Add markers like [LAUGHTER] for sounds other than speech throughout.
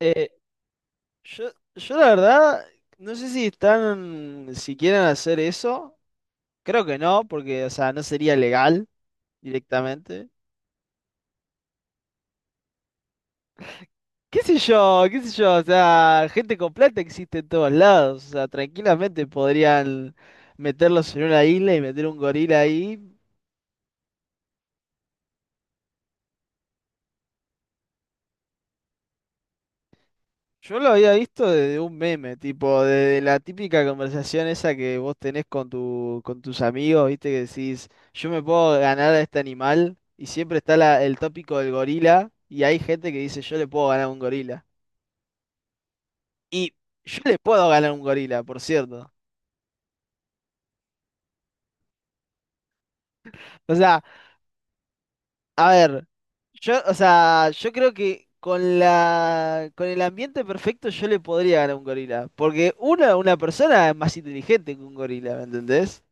Eh, yo la verdad, no sé si quieren hacer eso. Creo que no, porque, o sea, no sería legal directamente. ¿Qué sé yo? ¿Qué sé yo? O sea, gente con plata existe en todos lados. O sea, tranquilamente podrían meterlos en una isla y meter un gorila ahí. Yo lo había visto desde un meme, tipo, de la típica conversación esa que vos tenés con tus amigos, viste, que decís, yo me puedo ganar a este animal, y siempre está el tópico del gorila, y hay gente que dice, yo le puedo ganar a un gorila. Y yo le puedo ganar a un gorila, por cierto. O sea, a ver, yo, o sea, yo creo que con el ambiente perfecto yo le podría ganar a un gorila, porque una persona es más inteligente que un gorila, ¿me entendés?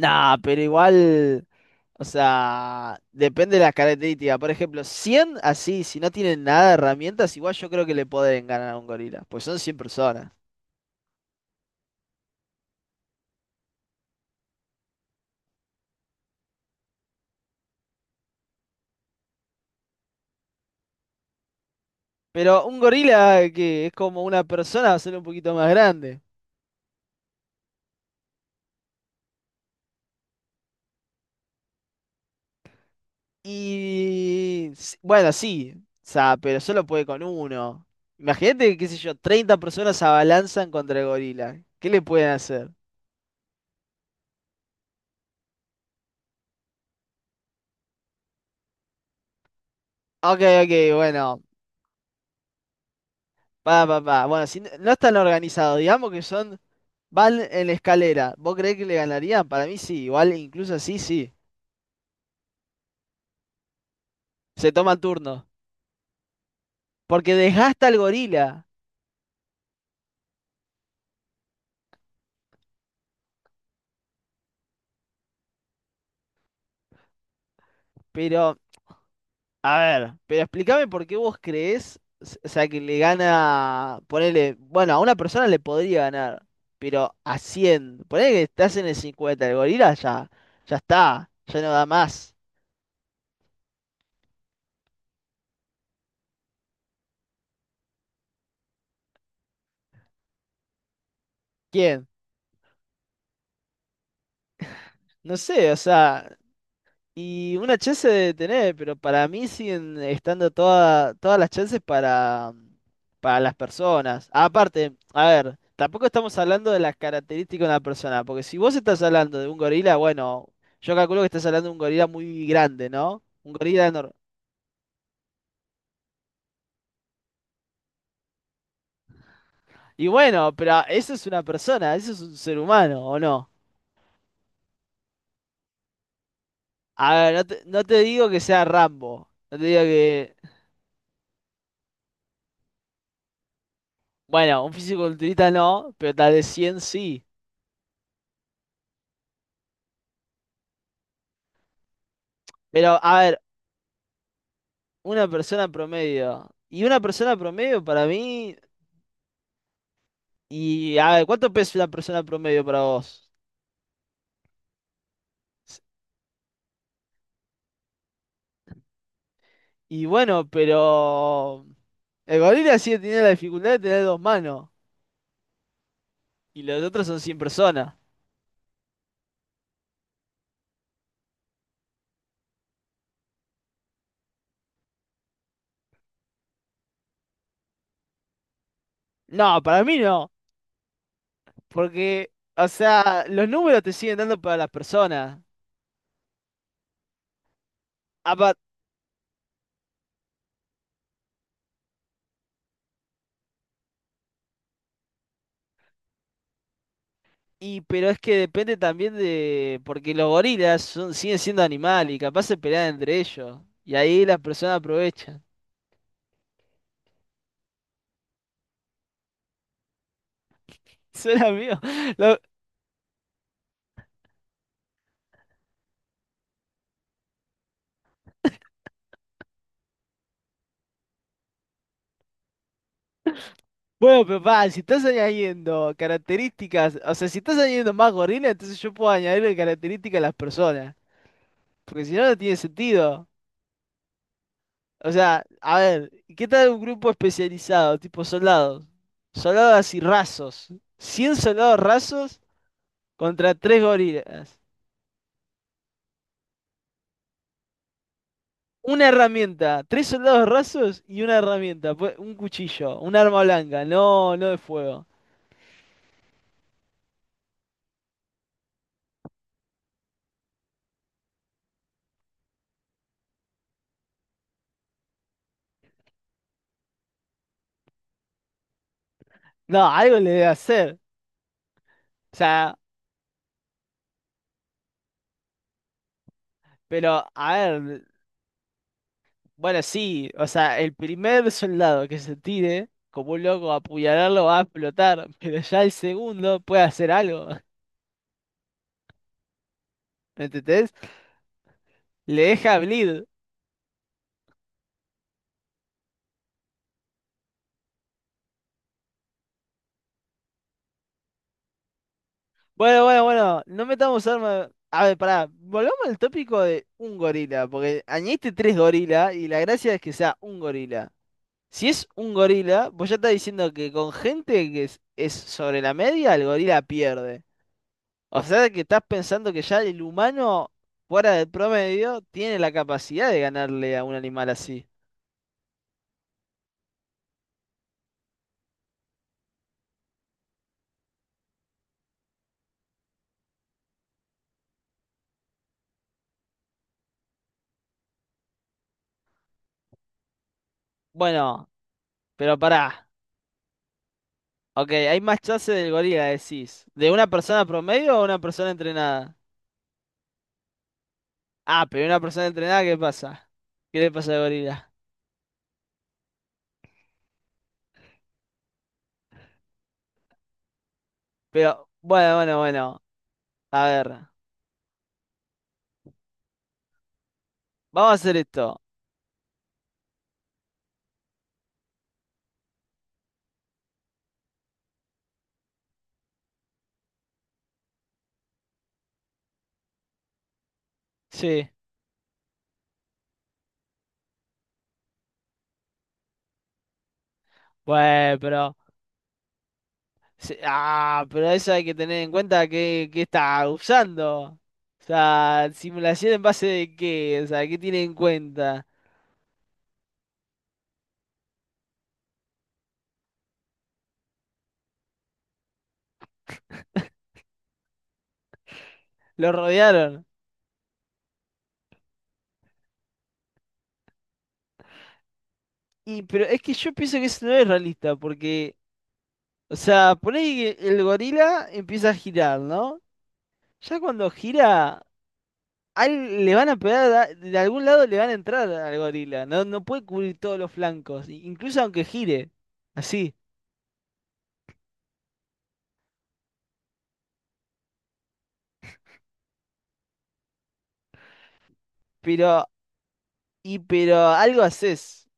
Nah, pero igual. O sea, depende de las características. Por ejemplo, 100 así, si no tienen nada de herramientas, igual yo creo que le pueden ganar a un gorila, pues son 100 personas. Pero un gorila que es como una persona va a ser un poquito más grande. Bueno, sí, o sea, pero solo puede con uno. Imagínate, qué sé yo, 30 personas se abalanzan contra el gorila. ¿Qué le pueden hacer? Ok, ok, bueno. Pa, pa, pa. Bueno, si no están organizados, digamos que son. Van en la escalera. ¿Vos creés que le ganarían? Para mí sí, igual, incluso así sí. Se toma turno. Porque desgasta al gorila. Pero, a ver, pero explícame por qué vos creés, s- o sea, que le gana, ponele, bueno, a una persona le podría ganar, pero a 100, ponele que estás en el 50, el gorila ya, ya está, ya no da más. ¿Quién? No sé, o sea, y una chance de tener, pero para mí siguen estando todas las chances para las personas. Aparte, a ver, tampoco estamos hablando de las características de una persona, porque si vos estás hablando de un gorila, bueno, yo calculo que estás hablando de un gorila muy grande, ¿no? Un gorila enorme. Y bueno, pero eso es una persona, eso es un ser humano, ¿o no? A ver, no te digo que sea Rambo, no te digo que... Bueno, un fisiculturista no, pero tal vez 100 sí. Pero, a ver, una persona promedio. Y una persona promedio para mí. Y a ver, ¿cuánto pesa una persona promedio para vos? S- Y bueno, pero. El gorila sigue teniendo la dificultad de tener dos manos. Y los otros son 100 personas. No, para mí no. Porque, o sea, los números te siguen dando para las personas. Apa- y, pero es que depende también de. Porque los gorilas son, siguen siendo animales y capaz se pelean entre ellos. Y ahí las personas aprovechan. [LAUGHS] Suena mío. Bueno, pero pa, si estás añadiendo características, o sea, si estás añadiendo más gorila, entonces yo puedo añadirle características a las personas, porque si no, no tiene sentido. O sea, a ver, ¿qué tal un grupo especializado, tipo soldados? Soldados así rasos. 100 soldados rasos contra 3 gorilas. Una herramienta, tres soldados rasos y una herramienta, pues, un cuchillo, un arma blanca, no, no de fuego. No, algo le debe hacer. O sea, pero a ver. Bueno, sí, o sea, el primer soldado que se tire, como un loco a apuñalarlo, va a explotar, [LAUGHS] pero ya el segundo puede hacer algo. [LAUGHS] ¿Me entendés? Le deja bleed. Bueno, bueno, bueno, no metamos armas. A ver, pará, volvamos al tópico de un gorila, porque añadiste tres gorilas y la gracia es que sea un gorila. Si es un gorila, vos ya estás diciendo que con gente que es sobre la media, el gorila pierde. O sea que estás pensando que ya el humano, fuera del promedio, tiene la capacidad de ganarle a un animal así. Bueno, pero pará. Ok, hay más chance del gorila, decís. ¿De una persona promedio o una persona entrenada? Ah, pero una persona entrenada, ¿qué pasa? ¿Qué le pasa al gorila? Pero, bueno, bueno, bueno. A ver, vamos a hacer esto. Sí. Bueno, pero sí. Ah, pero eso hay que tener en cuenta que está usando. O sea, simulación en base de qué, o sea, ¿qué tiene en cuenta? ¿Lo rodearon? Y, pero es que yo pienso que eso no es realista, porque, o sea, poné que el gorila empieza a girar, ¿no? Ya cuando gira, le van a pegar, de algún lado le van a entrar al gorila, no, no puede cubrir todos los flancos, incluso aunque gire, así, pero, y, pero algo haces.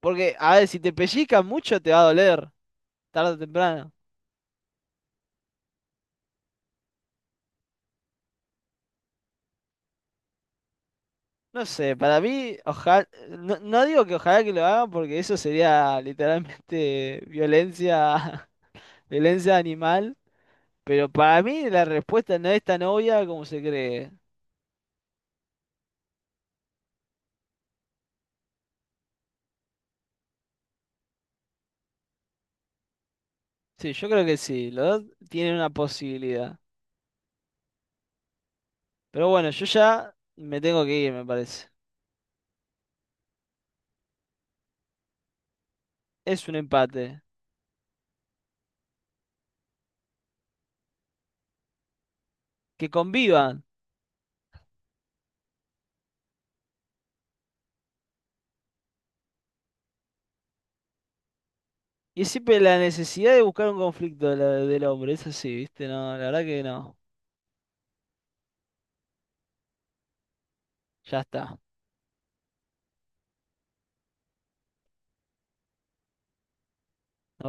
Porque, a ver, si te pellizcan mucho te va a doler, tarde o temprano. No sé, para mí, ojalá, no, no digo que ojalá que lo hagan porque eso sería literalmente violencia, [LAUGHS] violencia animal, pero para mí la respuesta no es tan obvia como se cree. Sí, yo creo que sí, los dos tienen una posibilidad. Pero bueno, yo ya me tengo que ir, me parece. Es un empate. Que convivan. Y es siempre la necesidad de buscar un conflicto de del hombre, es así, ¿viste? No, la verdad que no. Ya está. Nos